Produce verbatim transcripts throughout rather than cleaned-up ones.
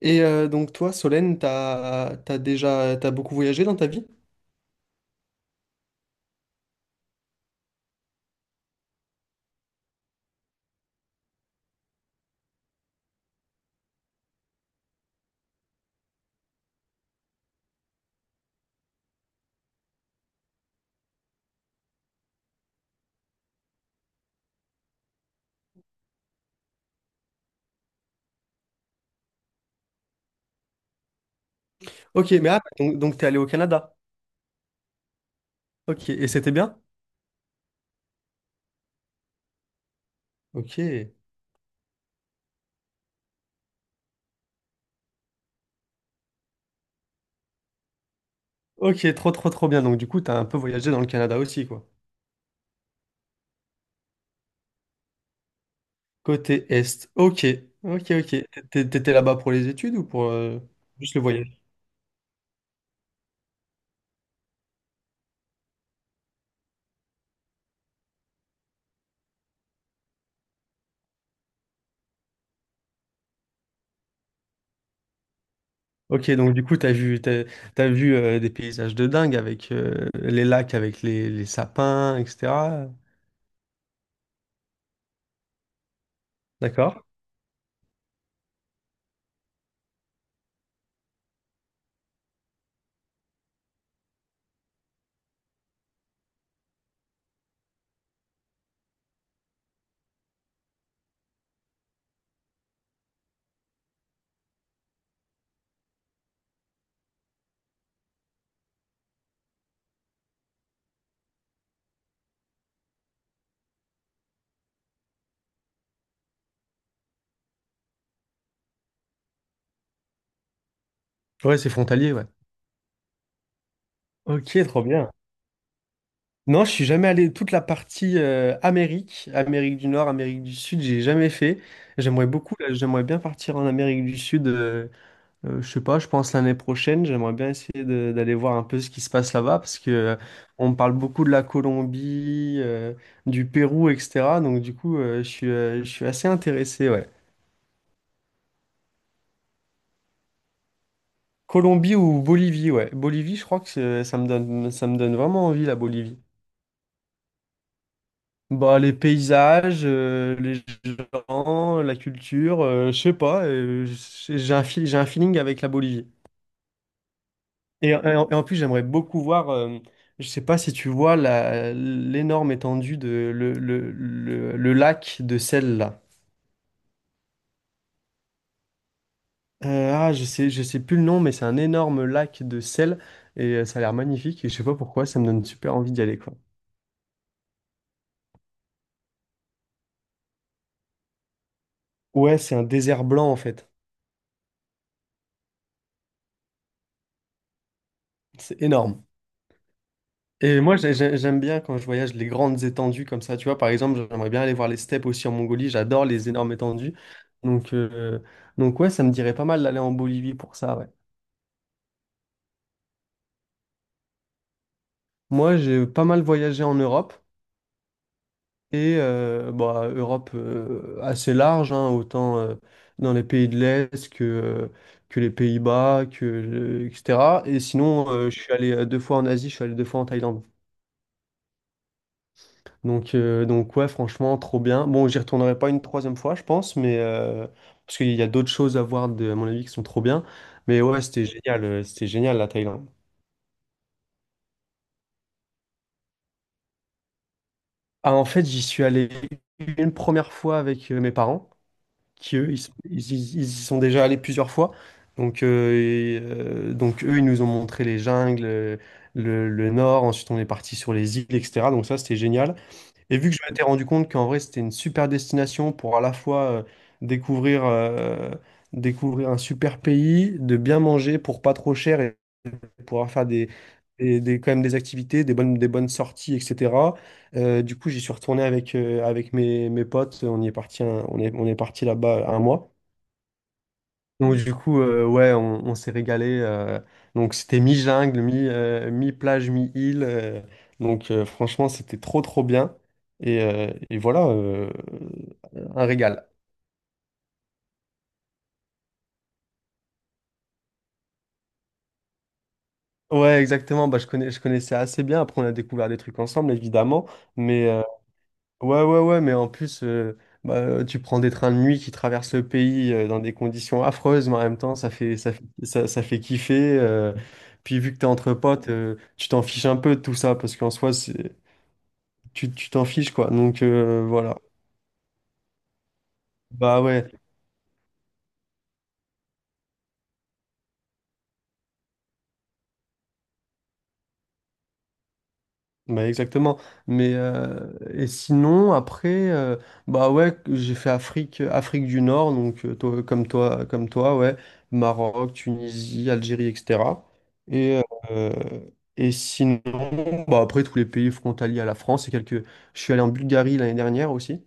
Et euh, donc toi, Solène, t'as, t'as déjà, t'as beaucoup voyagé dans ta vie? Ok, mais ah, donc, donc t'es allé au Canada. Ok, et c'était bien? Ok. Ok, trop trop trop bien. Donc du coup, t'as un peu voyagé dans le Canada aussi, quoi. Côté Est. Ok, ok, ok. T'é- T'étais là-bas pour les études ou pour euh, juste le voyage? Ok, donc du coup, t'as vu, t'as, t'as vu euh, des paysages de dingue avec euh, les lacs, avec les, les sapins, et cætera. D'accord? Ouais, c'est frontalier, ouais. Ok, trop bien. Non, je suis jamais allé toute la partie euh, Amérique, Amérique du Nord, Amérique du Sud, j'ai jamais fait. J'aimerais beaucoup, là, j'aimerais bien partir en Amérique du Sud. Euh, euh, je sais pas, je pense l'année prochaine, j'aimerais bien essayer de- d'aller voir un peu ce qui se passe là-bas parce que euh, on me parle beaucoup de la Colombie, euh, du Pérou, et cætera. Donc du coup, euh, je suis, euh, je suis assez intéressé, ouais. Colombie ou Bolivie, ouais. Bolivie, je crois que c'est- ça me donne, ça me donne vraiment envie la Bolivie. Bah, les paysages, euh, les gens, la culture, euh, je sais pas, euh, j'ai j'ai un, feel- j'ai un feeling avec la Bolivie. Et, en, et en, et en plus, j'aimerais beaucoup voir, euh, je sais pas si tu vois la, l'énorme étendue de le, le, le, le lac de sel là. Euh, ah, je sais, je sais plus le nom, mais c'est un énorme lac de sel et euh, ça a l'air magnifique et je sais pas pourquoi, ça me donne super envie d'y aller quoi. Ouais, c'est un désert blanc en fait. C'est énorme. Et moi, j'ai- j'ai- j'aime bien quand je voyage les grandes étendues comme ça. Tu vois, par exemple, j'aimerais bien aller voir les steppes aussi en Mongolie. J'adore les énormes étendues. Donc, euh, donc ouais, ça me dirait pas mal d'aller en Bolivie pour ça, ouais. Moi, j'ai pas mal voyagé en Europe. Et euh, bah, Europe euh, assez large, hein, autant euh, dans les pays de l'Est que, euh, que les Pays-Bas, que, euh, et cætera. Et sinon, euh, je suis allé euh, deux fois en Asie, je suis allé deux fois en Thaïlande. Donc, euh, donc ouais, franchement, trop bien. Bon, j'y retournerai pas une troisième fois, je pense, mais euh, parce qu'il y a d'autres choses à voir, de, à mon avis, qui sont trop bien. Mais ouais, c'était génial, euh, c'était génial la Thaïlande. Ah, en fait, j'y suis allé une première fois avec euh, mes parents, qui eux, ils, sont- ils, ils- ils y sont déjà allés plusieurs fois. Donc, euh, et, euh, donc eux, ils nous ont montré les jungles, euh, le, le nord. Ensuite, on est parti sur les îles, et cætera. Donc ça, c'était génial. Et vu que je m'étais rendu compte qu'en vrai, c'était une super destination pour à la fois euh, découvrir, euh, découvrir un super pays, de bien manger pour pas trop cher et pouvoir faire des, des, des- quand même des activités, des bonnes, des bonnes sorties, et cætera. Euh, du coup, j'y suis retourné avec, euh, avec mes, mes potes. On y est parti, un- on est, on est parti là-bas un mois. Donc du coup, euh, ouais, on, on s'est régalé. Euh, donc c'était mi-jungle, mi, euh, mi-plage, mi-île. Euh, donc euh, franchement, c'était trop trop bien. Et, euh, et voilà, euh, un régal. Ouais, exactement. Bah, je connais, je connaissais assez bien. Après, on a découvert des trucs ensemble, évidemment. Mais, euh, Ouais, ouais, ouais, mais en plus, euh, bah, euh, tu prends des trains de nuit qui traversent le pays euh, dans des conditions affreuses, mais en même temps, ça fait, ça fait, ça, ça fait kiffer. Euh, puis vu que t'es entre potes, euh, tu t'en fiches un peu de tout ça, parce qu'en soi, c'est, tu, tu t'en fiches, quoi. Donc euh, voilà. Bah ouais. Bah exactement. Mais euh, et sinon après euh, bah ouais j'ai fait Afrique Afrique du Nord donc euh, toi, comme toi comme toi ouais Maroc Tunisie Algérie et cætera. Et euh, et sinon bah après tous les pays frontaliers à la France et quelques je suis allé en Bulgarie l'année dernière aussi.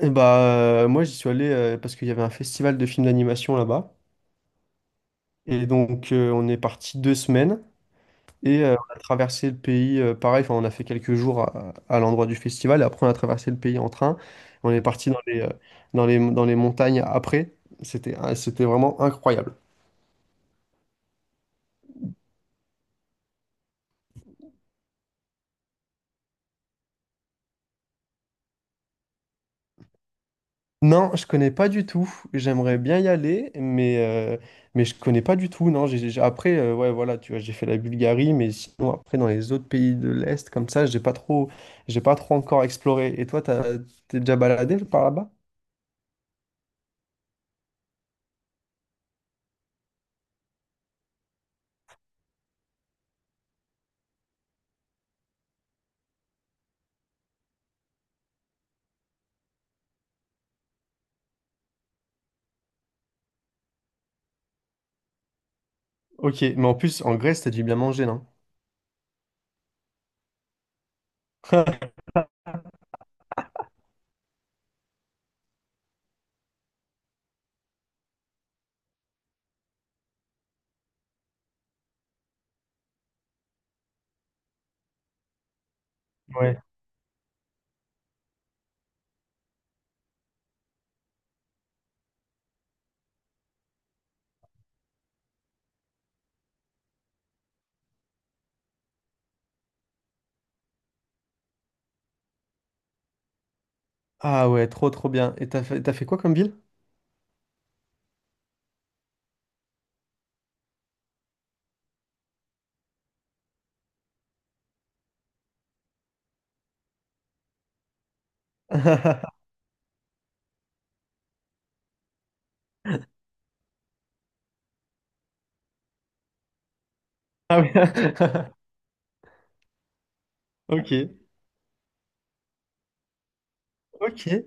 Et bah euh, Moi j'y suis allé euh, parce qu'il y avait un festival de films d'animation là-bas et donc euh, on est parti deux semaines. Et euh, on a traversé le pays, euh, pareil, enfin, on a fait quelques jours à, à l'endroit du festival, et après on a traversé le pays en train. On est parti dans les, euh, dans les, dans les montagnes après. C'était, ah, c'était vraiment incroyable. Non, je connais pas du tout. J'aimerais bien y aller, mais, euh, mais je connais pas du tout. Non, j'ai, j'ai- après, euh, ouais, voilà, tu vois, j'ai fait la Bulgarie, mais sinon, après, dans les autres pays de l'Est, comme ça, j'ai pas trop, j'ai pas trop encore exploré. Et toi, t'as, t'es déjà baladé par là-bas? Ok, mais en plus, en Grèce, t'as dû bien manger, non? Ah ouais, trop trop bien. Et t'as fait, t'as fait quoi comme ville? Ah ouais. Ok, ok.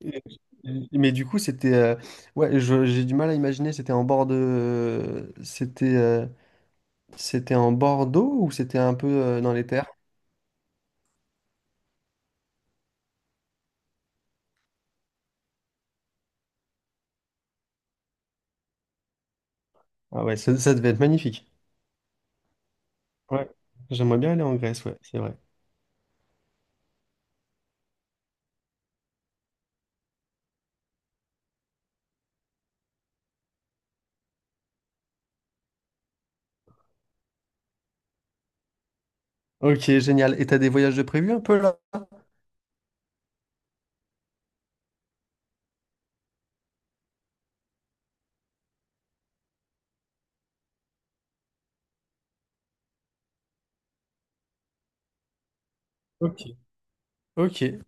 Et- Mais du coup, c'était... euh, Ouais, je- j'ai du mal à imaginer, c'était en bord de... C'était euh, c'était en bord d'eau ou c'était un peu euh, dans les terres? Ah ouais, ça, ça devait être magnifique. Ouais, j'aimerais bien aller en Grèce, ouais, c'est vrai. Ok, génial. Et t'as des voyages de prévu un peu là? Ok, ok.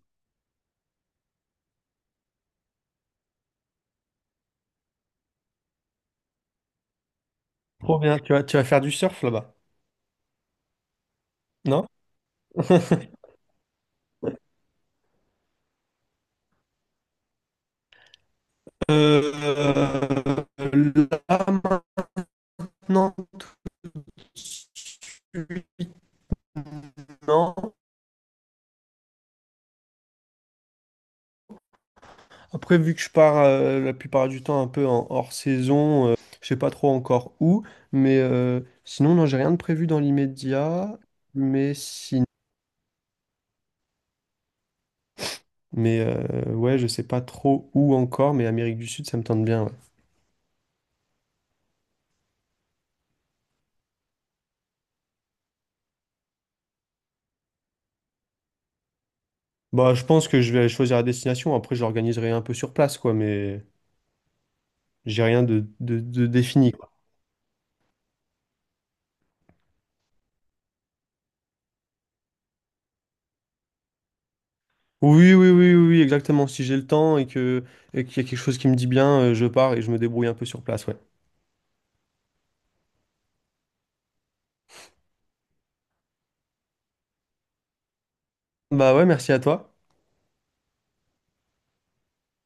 Trop bien. Tu vas, tu vas faire du surf là-bas, non? Euh, Là, non. Non. Après, vu que je pars euh, la plupart du temps un peu en hors saison, euh, je sais pas trop encore où. Mais euh, sinon, non, j'ai rien de prévu dans l'immédiat. Mais si... mais euh, ouais, je sais pas trop où encore. Mais Amérique du Sud, ça me tente bien. Ouais. Bah, je pense que je vais choisir la destination. Après, je l'organiserai un peu sur place, quoi. Mais j'ai rien de, de de défini. Oui, oui, oui, oui, oui, exactement. Si j'ai le temps et que et qu'il y a quelque chose qui me dit bien, euh, je pars et je me débrouille un peu sur place, ouais. Bah ouais, merci à toi.